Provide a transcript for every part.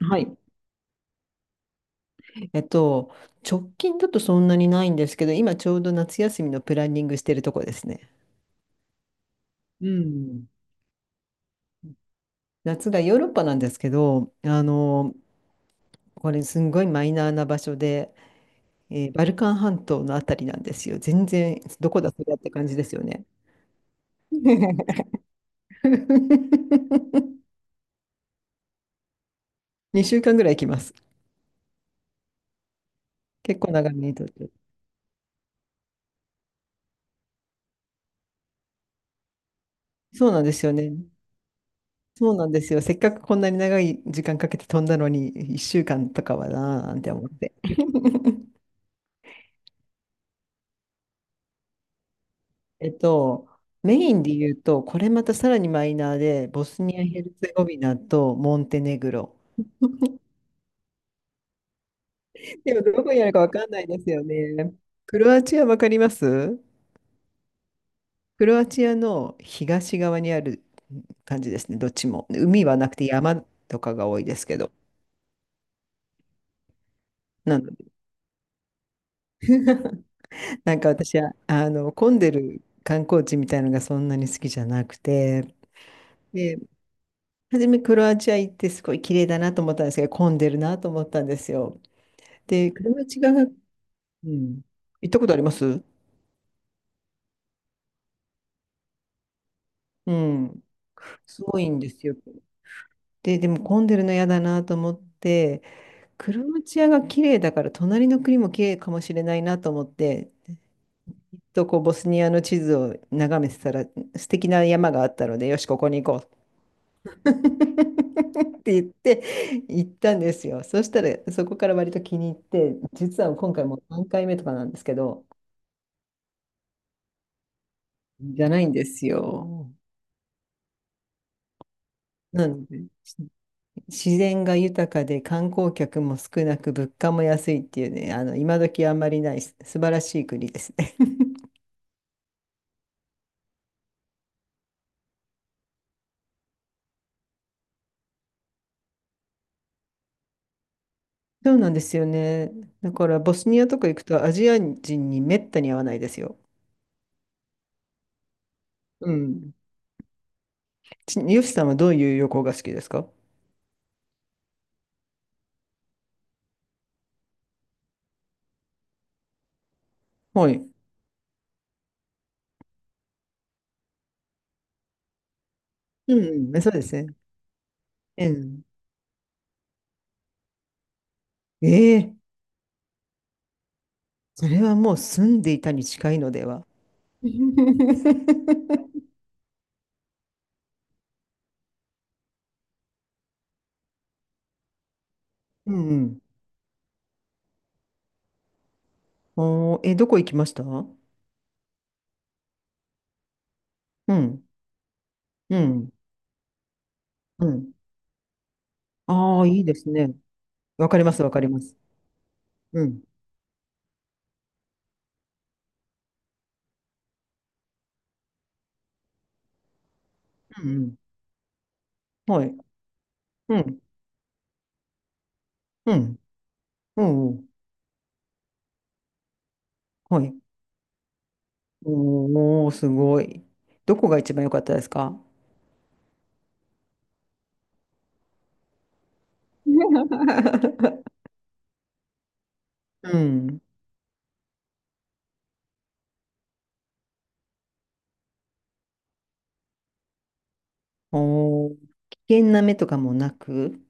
はい。えっと、直近だとそんなにないんですけど、今ちょうど夏休みのプランニングしてるとこですね。うん。夏がヨーロッパなんですけど、これすんごいマイナーな場所で、バルカン半島のあたりなんですよ。全然、どこだそれって感じですよね。2週間ぐらい行きます。結構長めにとって。そうなんですよね。そうなんですよ。せっかくこんなに長い時間かけて飛んだのに、1週間とかはなーなんて思って。えっと、メインで言うと、これまたさらにマイナーで、ボスニア・ヘルツェゴビナとモンテネグロ。でもどこにあるかわかんないですよね。クロアチアわかります？クロアチアの東側にある感じですね、どっちも。海はなくて山とかが多いですけど。なので、なんか私は、混んでる観光地みたいなのがそんなに好きじゃなくて、で、初めクロアチア行ってすごい綺麗だなと思ったんですけど、混んでるなと思ったんですよ。で、クロアチアがうん。行ったことあります？うん。すごいんですよ。で、でも混んでるの嫌だなと思って、クロアチアが綺麗だから隣の国も綺麗かもしれないなと思って、とこうボスニアの地図を眺めてたら素敵な山があったので、よし、ここに行こう って言って行ったんですよ。そしたらそこから割と気に入って、実は今回もう3回目とかなんですけど、じゃないんですよ。なので、自然が豊かで観光客も少なく物価も安いっていうね、今時あんまりない素晴らしい国ですね。そうなんですよね。だからボスニアとか行くとアジア人にめったに会わないですよ。うん。ヨシさんはどういう旅行が好きですか？はい。うん、そうですね。うん。ええ、それはもう住んでいたに近いのでは。うんうん。おー、え、どこ行きました？うん。うん。うん。ああ、いいですね。わかります、わかります。うん。うん、うん。はい。うん。うん。うん。うん、はい。おー、すごい。どこが一番良かったですか？ うん。おー、危険な目とかもなく、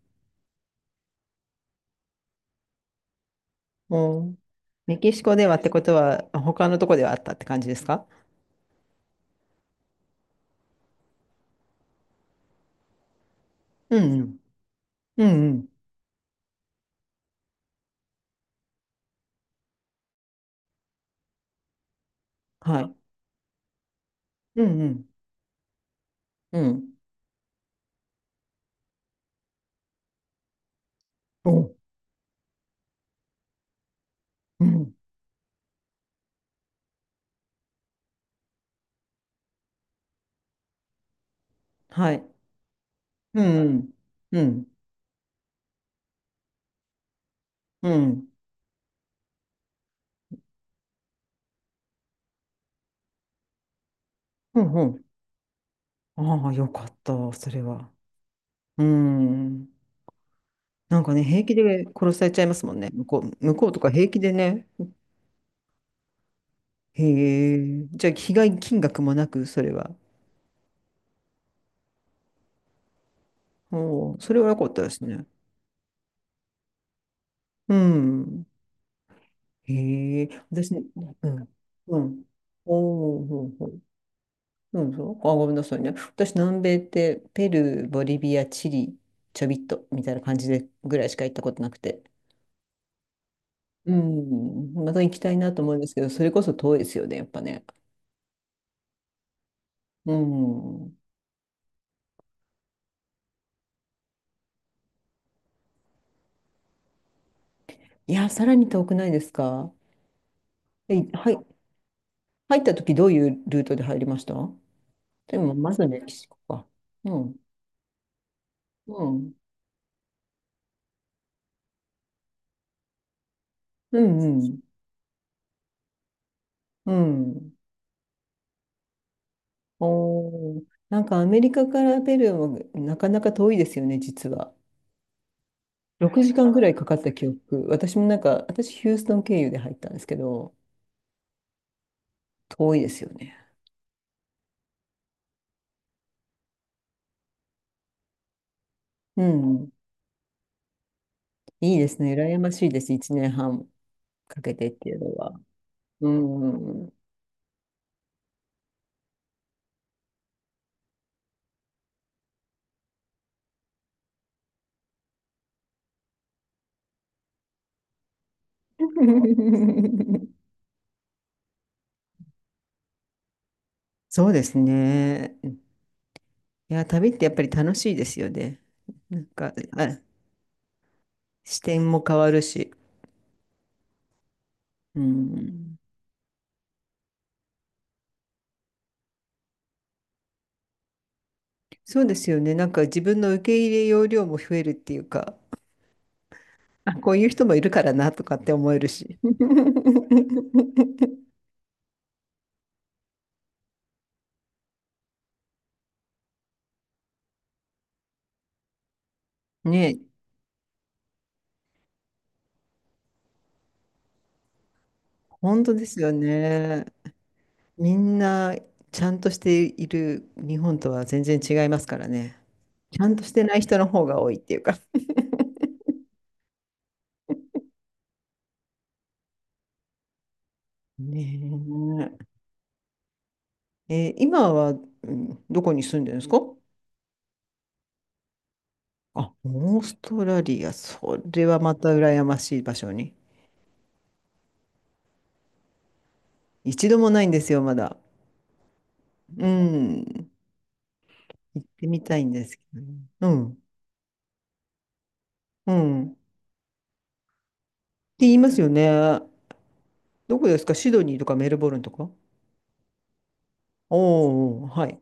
おー、メキシコではってことは、他のとこではあったって感じですか？うん。うん。うんうん。はい。うんうん。うん。お、うん。はい。うんうん。うん。うん。うん。うん。ああ、よかった、それは。うん。なんかね、平気で殺されちゃいますもんね。向こうとか平気でね。へえ。じゃあ、被害金額もなく、それは。おー、それは良かったですね。うん。へえ。私ね、うん。うん。おおほうほう。うん、そう。あ、ごめんなさいね。私、南米って、ペルー、ボリビア、チリ、ちょびっと、みたいな感じで、ぐらいしか行ったことなくて。うん。また行きたいなと思うんですけど、それこそ遠いですよね、やっぱね。うん。いや、さらに遠くないですか？え、はい、入った時どういうルートで入りました？でも、まずメキシコか。うん、うん、うん、うん。うん、おー、なんかアメリカからペルーもなかなか遠いですよね、実は。6時間ぐらいかかった記憶。私もなんか、私ヒューストン経由で入ったんですけど、遠いですよね。うん、いいですね。羨ましいです。1年半かけてっていうのは。うん。そうですね。いや、旅ってやっぱり楽しいですよね。なんか、あ、視点も変わるし。うん。そうですよね。なんか自分の受け入れ容量も増えるっていうか、あ、こういう人もいるからなとかって思えるし。ねえ、本当ですよね。みんなちゃんとしている日本とは全然違いますからね。ちゃんとしてない人の方が多いっていうか。ねえ。今は、うん、どこに住んでるんですか？あ、オーストラリア、それはまた羨ましい場所に。一度もないんですよ、まだ。うん。行ってみたいんですけどね。うん。うん。って言いますよね。どこですか？シドニーとかメルボルンとか？おーおー、はい。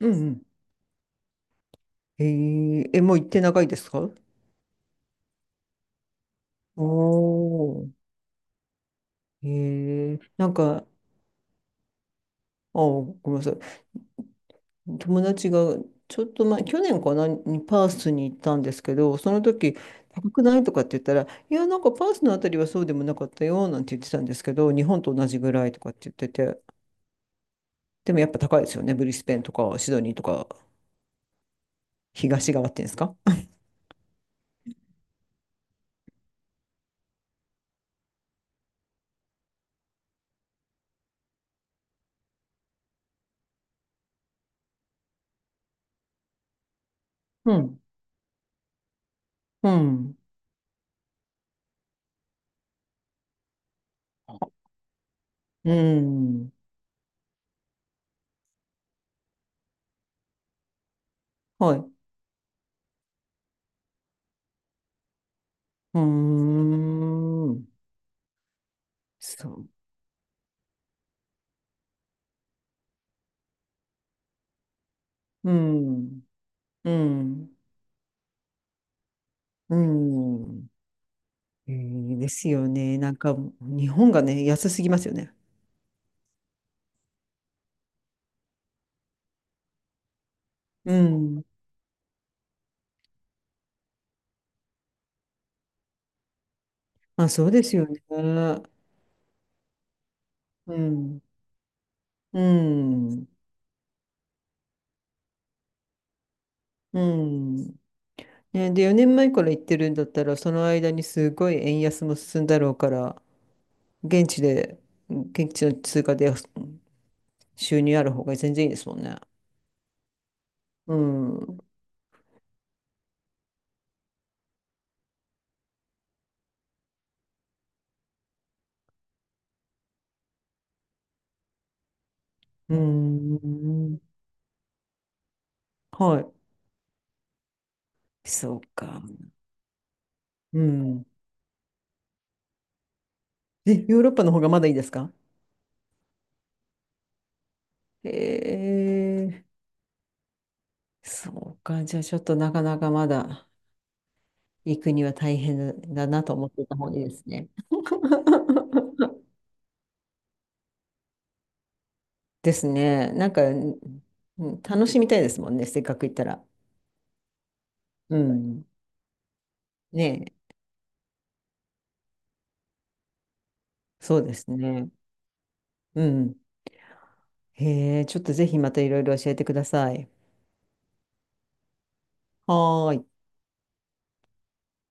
うんうん。え、もう行って長いですか？おおー。えなんか、あーごめんなさい。友達がちょっと前、去年かな、にパースに行ったんですけど、その時、高くないとかって言ったら、いや、なんかパースのあたりはそうでもなかったよ、なんて言ってたんですけど、日本と同じぐらいとかって言ってて、でもやっぱ高いですよね、ブリスベンとかシドニーとか、東側っていうんですか？うん。うん。うん。はい。うーん。そう。うん。うん。うん。えーですよね。なんか、日本がね、安すぎますよね。うん。まあ、そうですよね。うん。うん。うん。ね、で、4年前から行ってるんだったら、その間にすごい円安も進んだろうから、現地で、現地の通貨で収入ある方が全然いいですもんね。うん。うん。はい。そうか。うん。で、ヨーロッパの方がまだいいですか？へえ、そうか。じゃあちょっとなかなかまだ行くには大変だなと思ってた方がいいですね。ですね。なんか、うん、楽しみたいですもんね。せっかく行ったら。うん。ねえ。そうですね。うん。へえ、ちょっとぜひまたいろいろ教えてください。はーい。